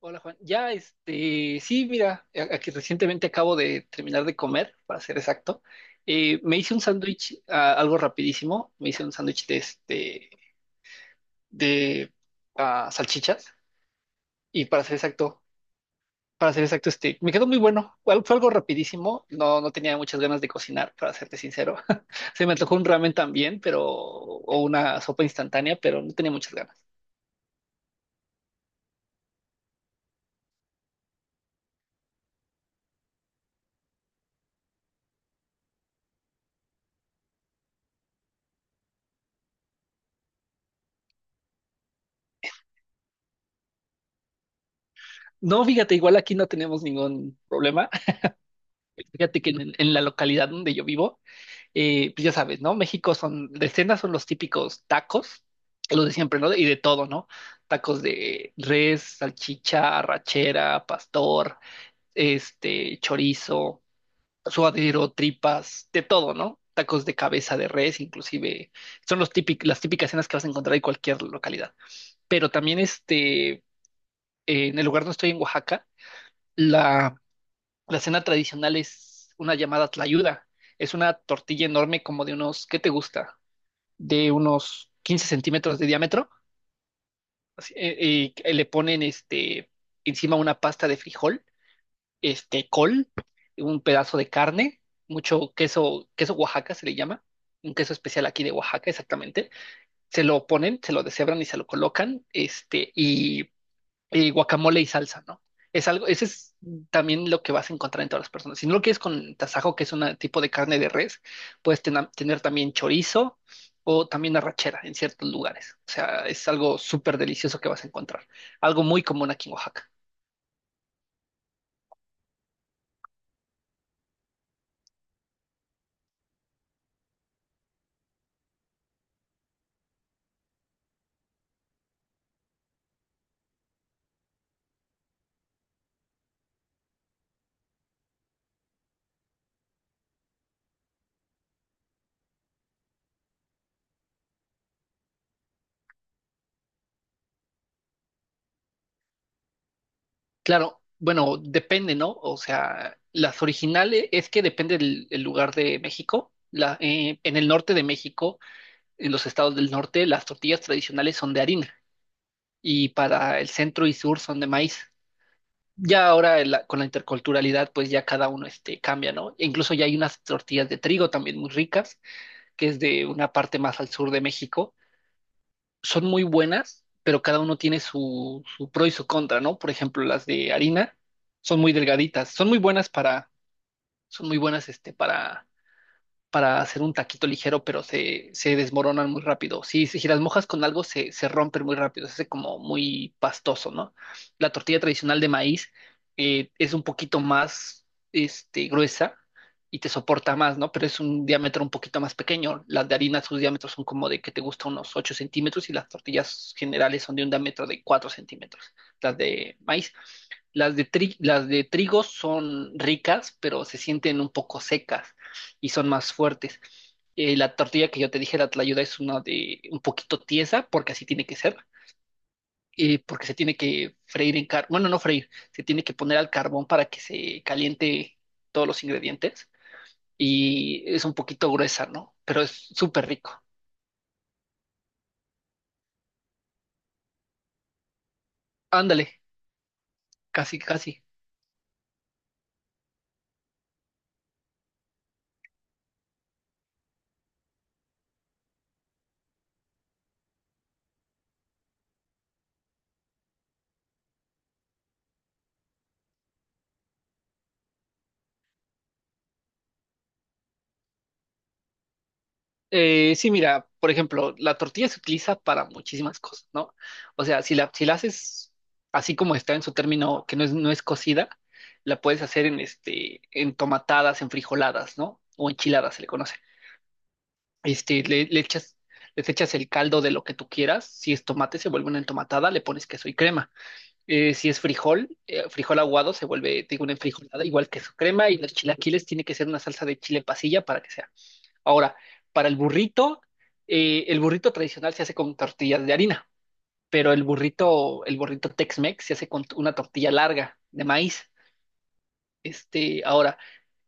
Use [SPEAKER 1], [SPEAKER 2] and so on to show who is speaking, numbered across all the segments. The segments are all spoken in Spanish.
[SPEAKER 1] Hola Juan, sí, mira, aquí recientemente acabo de terminar de comer, para ser exacto. Me hice un sándwich, algo rapidísimo, me hice un sándwich de salchichas y para ser exacto, me quedó muy bueno. Fue algo rapidísimo, no tenía muchas ganas de cocinar, para serte sincero. Se me antojó un ramen también, o una sopa instantánea, pero no tenía muchas ganas. No, fíjate, igual aquí no tenemos ningún problema. Fíjate que en la localidad donde yo vivo pues ya sabes, ¿no? México son, de cena son los típicos tacos, los de siempre, ¿no? Y de todo, ¿no? Tacos de res, salchicha, arrachera, pastor, chorizo, suadero, tripas, de todo, ¿no? Tacos de cabeza de res, inclusive, son los las típicas cenas que vas a encontrar en cualquier localidad. Pero también, en el lugar donde estoy, en Oaxaca, la, la cena tradicional es una llamada tlayuda. Es una tortilla enorme como de unos, ¿qué te gusta? De unos 15 centímetros de diámetro así, le ponen encima una pasta de frijol, col, un pedazo de carne, mucho queso, queso Oaxaca se le llama, un queso especial aquí de Oaxaca exactamente, se lo ponen, se lo deshebran y se lo colocan, y guacamole y salsa, ¿no? Es algo, ese es también lo que vas a encontrar en todas las personas. Si no lo quieres con tasajo, que es un tipo de carne de res, puedes tener también chorizo o también arrachera en ciertos lugares. O sea, es algo súper delicioso que vas a encontrar. Algo muy común aquí en Oaxaca. Claro, bueno, depende, ¿no? O sea, las originales es que depende del lugar de México. En el norte de México, en los estados del norte, las tortillas tradicionales son de harina y para el centro y sur son de maíz. Ya ahora con la interculturalidad, pues ya cada uno cambia, ¿no? E incluso ya hay unas tortillas de trigo también muy ricas, que es de una parte más al sur de México. Son muy buenas, pero cada uno tiene su pro y su contra, ¿no? Por ejemplo, las de harina son muy delgaditas, son muy buenas para hacer un taquito ligero, pero se desmoronan muy rápido. Sí, si las mojas con algo, se rompen muy rápido, se hace como muy pastoso, ¿no? La tortilla tradicional de maíz es un poquito más gruesa y te soporta más, ¿no? Pero es un diámetro un poquito más pequeño. Las de harina, sus diámetros son como de que te gusta unos 8 centímetros y las tortillas generales son de un diámetro de 4 centímetros, las de maíz. Las las de trigo son ricas, pero se sienten un poco secas y son más fuertes. La tortilla que yo te dije, la tlayuda, es una de un poquito tiesa, porque así tiene que ser, porque se tiene que freír en carbón, bueno, no freír, se tiene que poner al carbón para que se caliente todos los ingredientes y es un poquito gruesa, ¿no? Pero es súper rico. Ándale, casi, casi. Sí, mira, por ejemplo, la tortilla se utiliza para muchísimas cosas, ¿no? O sea, si la haces así como está en su término, que no es, no es cocida, la puedes hacer en tomatadas, en frijoladas, ¿no? O enchiladas se le conoce. Este, le, le echas, les echas el caldo de lo que tú quieras. Si es tomate, se vuelve una entomatada, le pones queso y crema. Si es frijol, frijol aguado, se vuelve, te digo, una enfrijolada, igual queso crema, y los chilaquiles tiene que ser una salsa de chile pasilla para que sea. Ahora, para el burrito tradicional se hace con tortillas de harina, pero el burrito Tex-Mex se hace con una tortilla larga de maíz. Este, ahora,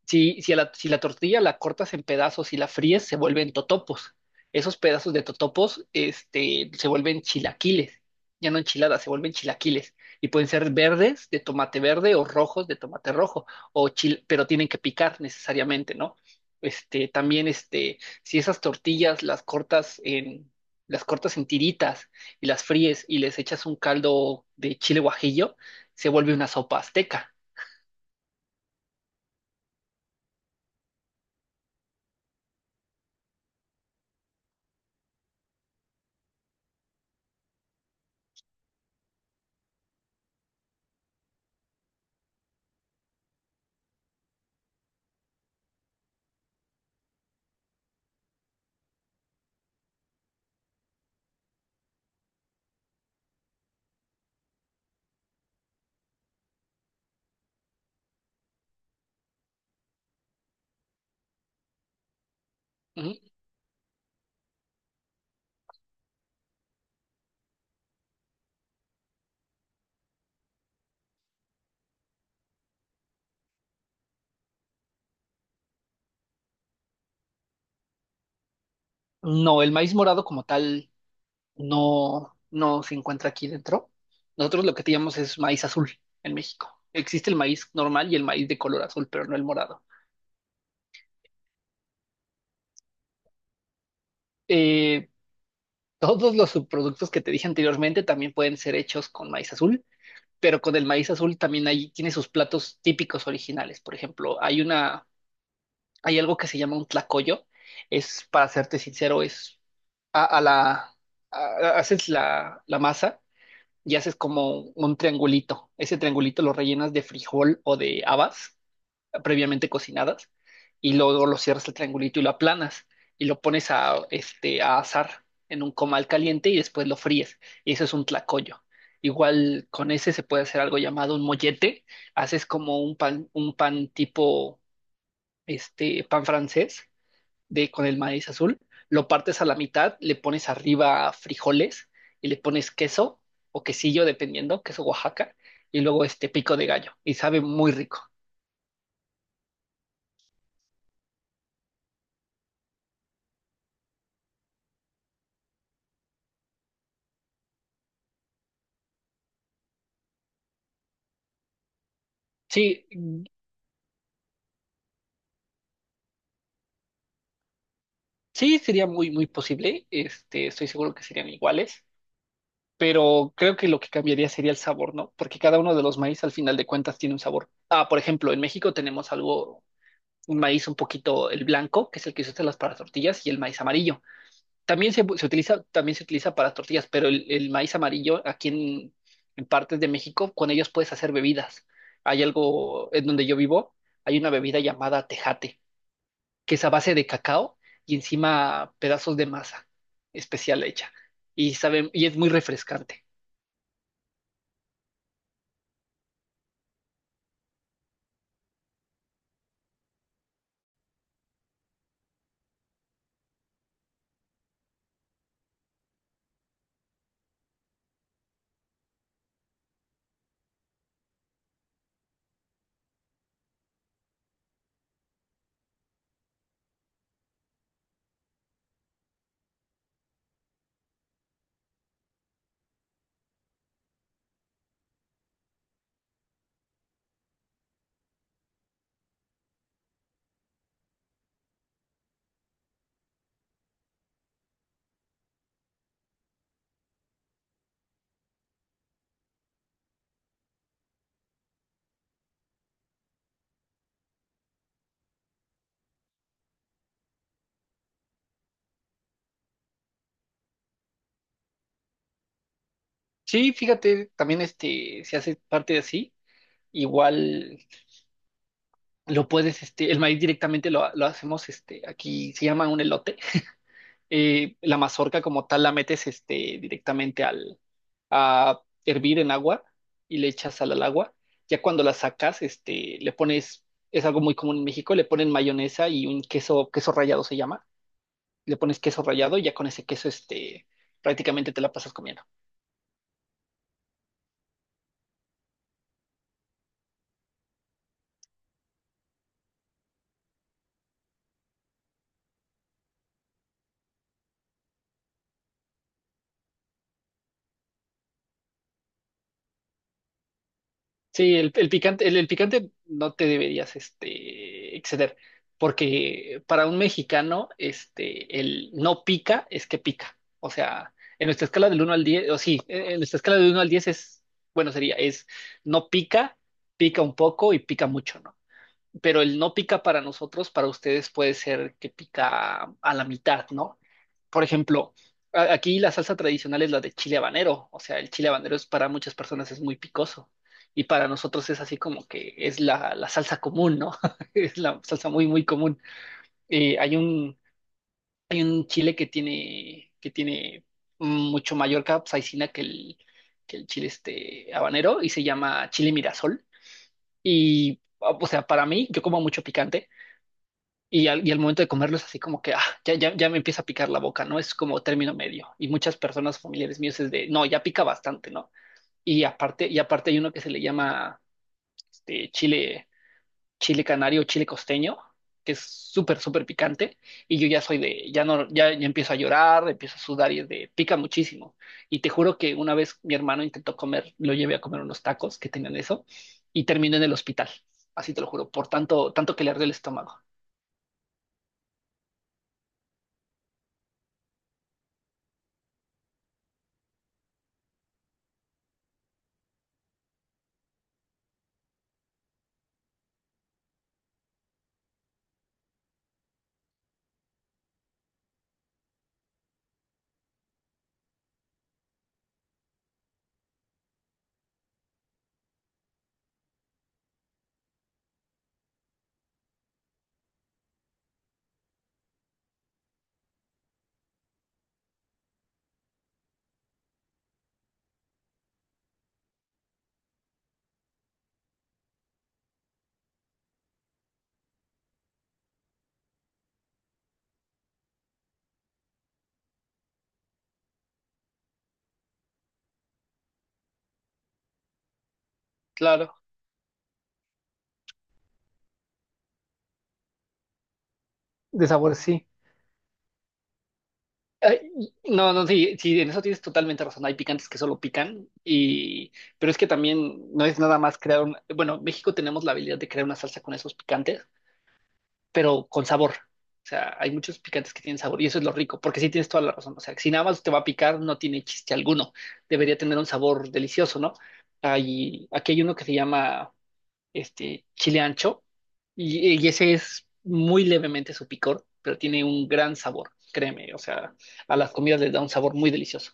[SPEAKER 1] si la tortilla la cortas en pedazos y la fríes, se vuelven totopos. Esos pedazos de totopos, se vuelven chilaquiles. Ya no enchiladas, se vuelven chilaquiles. Y pueden ser verdes de tomate verde o rojos de tomate rojo, pero tienen que picar necesariamente, ¿no? Si esas tortillas las cortas en tiritas y las fríes y les echas un caldo de chile guajillo, se vuelve una sopa azteca. Ujú. No, el maíz morado como tal no se encuentra aquí dentro. Nosotros lo que teníamos es maíz azul en México. Existe el maíz normal y el maíz de color azul, pero no el morado. Eh, Todos los subproductos que te dije anteriormente también pueden ser hechos con maíz azul, pero con el maíz azul también hay, tiene sus platos típicos originales. Por ejemplo, hay algo que se llama un tlacoyo. Es, para serte sincero, es a la, a- haces la masa y haces como un triangulito. Ese triangulito lo rellenas de frijol o de habas previamente cocinadas y luego lo cierras el triangulito y lo aplanas y lo pones a, a asar en un comal caliente y después lo fríes. Y eso es un tlacoyo. Igual con ese se puede hacer algo llamado un mollete. Haces como un pan tipo pan francés de con el maíz azul, lo partes a la mitad, le pones arriba frijoles y le pones queso o quesillo, dependiendo, queso Oaxaca, y luego este pico de gallo, y sabe muy rico. Sí, mm, sí, sería muy, muy posible, estoy seguro que serían iguales, pero creo que lo que cambiaría sería el sabor, ¿no? Porque cada uno de los maíz al final de cuentas tiene un sabor. Ah, por ejemplo, en México tenemos algo, un maíz un poquito, el blanco, que es el que se usa en las para tortillas, y el maíz amarillo. También se utiliza, también se utiliza para tortillas, pero el maíz amarillo en partes de México, con ellos puedes hacer bebidas. Hay algo en donde yo vivo, hay una bebida llamada tejate, que es a base de cacao y encima pedazos de masa especial hecha. Y sabe, y es muy refrescante. Sí, fíjate, también este se hace parte de así. Igual lo puedes, el maíz directamente lo hacemos, aquí se llama un elote la mazorca como tal la metes directamente al, a hervir en agua y le echas sal al agua. Ya cuando la sacas, es algo muy común en México, le ponen mayonesa y un queso, queso rallado se llama. Le pones queso rallado y ya con ese queso, prácticamente te la pasas comiendo. Sí, el picante, el picante no te deberías exceder, porque para un mexicano, el no pica es que pica. O sea, en nuestra escala del 1 al 10, o sí, en nuestra escala del 1 al 10 es, bueno, sería, es no pica, pica un poco y pica mucho, ¿no? Pero el no pica para nosotros, para ustedes puede ser que pica a la mitad, ¿no? Por ejemplo, aquí la salsa tradicional es la de chile habanero, o sea, el chile habanero es para muchas personas es muy picoso y para nosotros es así como que es la salsa común, ¿no? Es la salsa muy, muy común. Eh, hay un, Hay un chile que tiene mucho mayor capsaicina que el chile este habanero y se llama chile mirasol. Y, o sea, para mí, yo como mucho picante. Y al momento de comerlo es así como que ah, ya me empieza a picar la boca, ¿no? Es como término medio. Y muchas personas familiares míos es de, no, ya pica bastante, ¿no? Y aparte hay uno que se le llama este, chile, chile canario, chile costeño, que es súper, súper picante. Y yo ya soy de, ya no, ya empiezo a llorar, empiezo a sudar y es de, pica muchísimo. Y te juro que una vez mi hermano intentó comer, lo llevé a comer unos tacos que tenían eso y terminó en el hospital. Así te lo juro, por tanto, tanto que le arde el estómago. Claro, de sabor sí. Ay, no, no, sí, sí, en eso tienes totalmente razón. Hay picantes que solo pican, y, pero es que también no es nada más crear un, bueno, en México tenemos la habilidad de crear una salsa con esos picantes, pero con sabor. O sea, hay muchos picantes que tienen sabor y eso es lo rico, porque sí tienes toda la razón. O sea, si nada más te va a picar, no tiene chiste alguno. Debería tener un sabor delicioso, ¿no? Hay, aquí hay uno que se llama chile ancho, y ese es muy levemente su picor, pero tiene un gran sabor, créeme, o sea, a las comidas les da un sabor muy delicioso.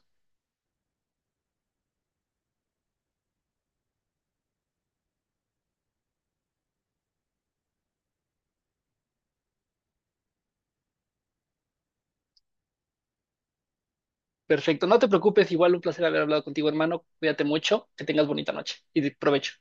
[SPEAKER 1] Perfecto, no te preocupes, igual un placer haber hablado contigo, hermano, cuídate mucho, que tengas bonita noche y de- provecho.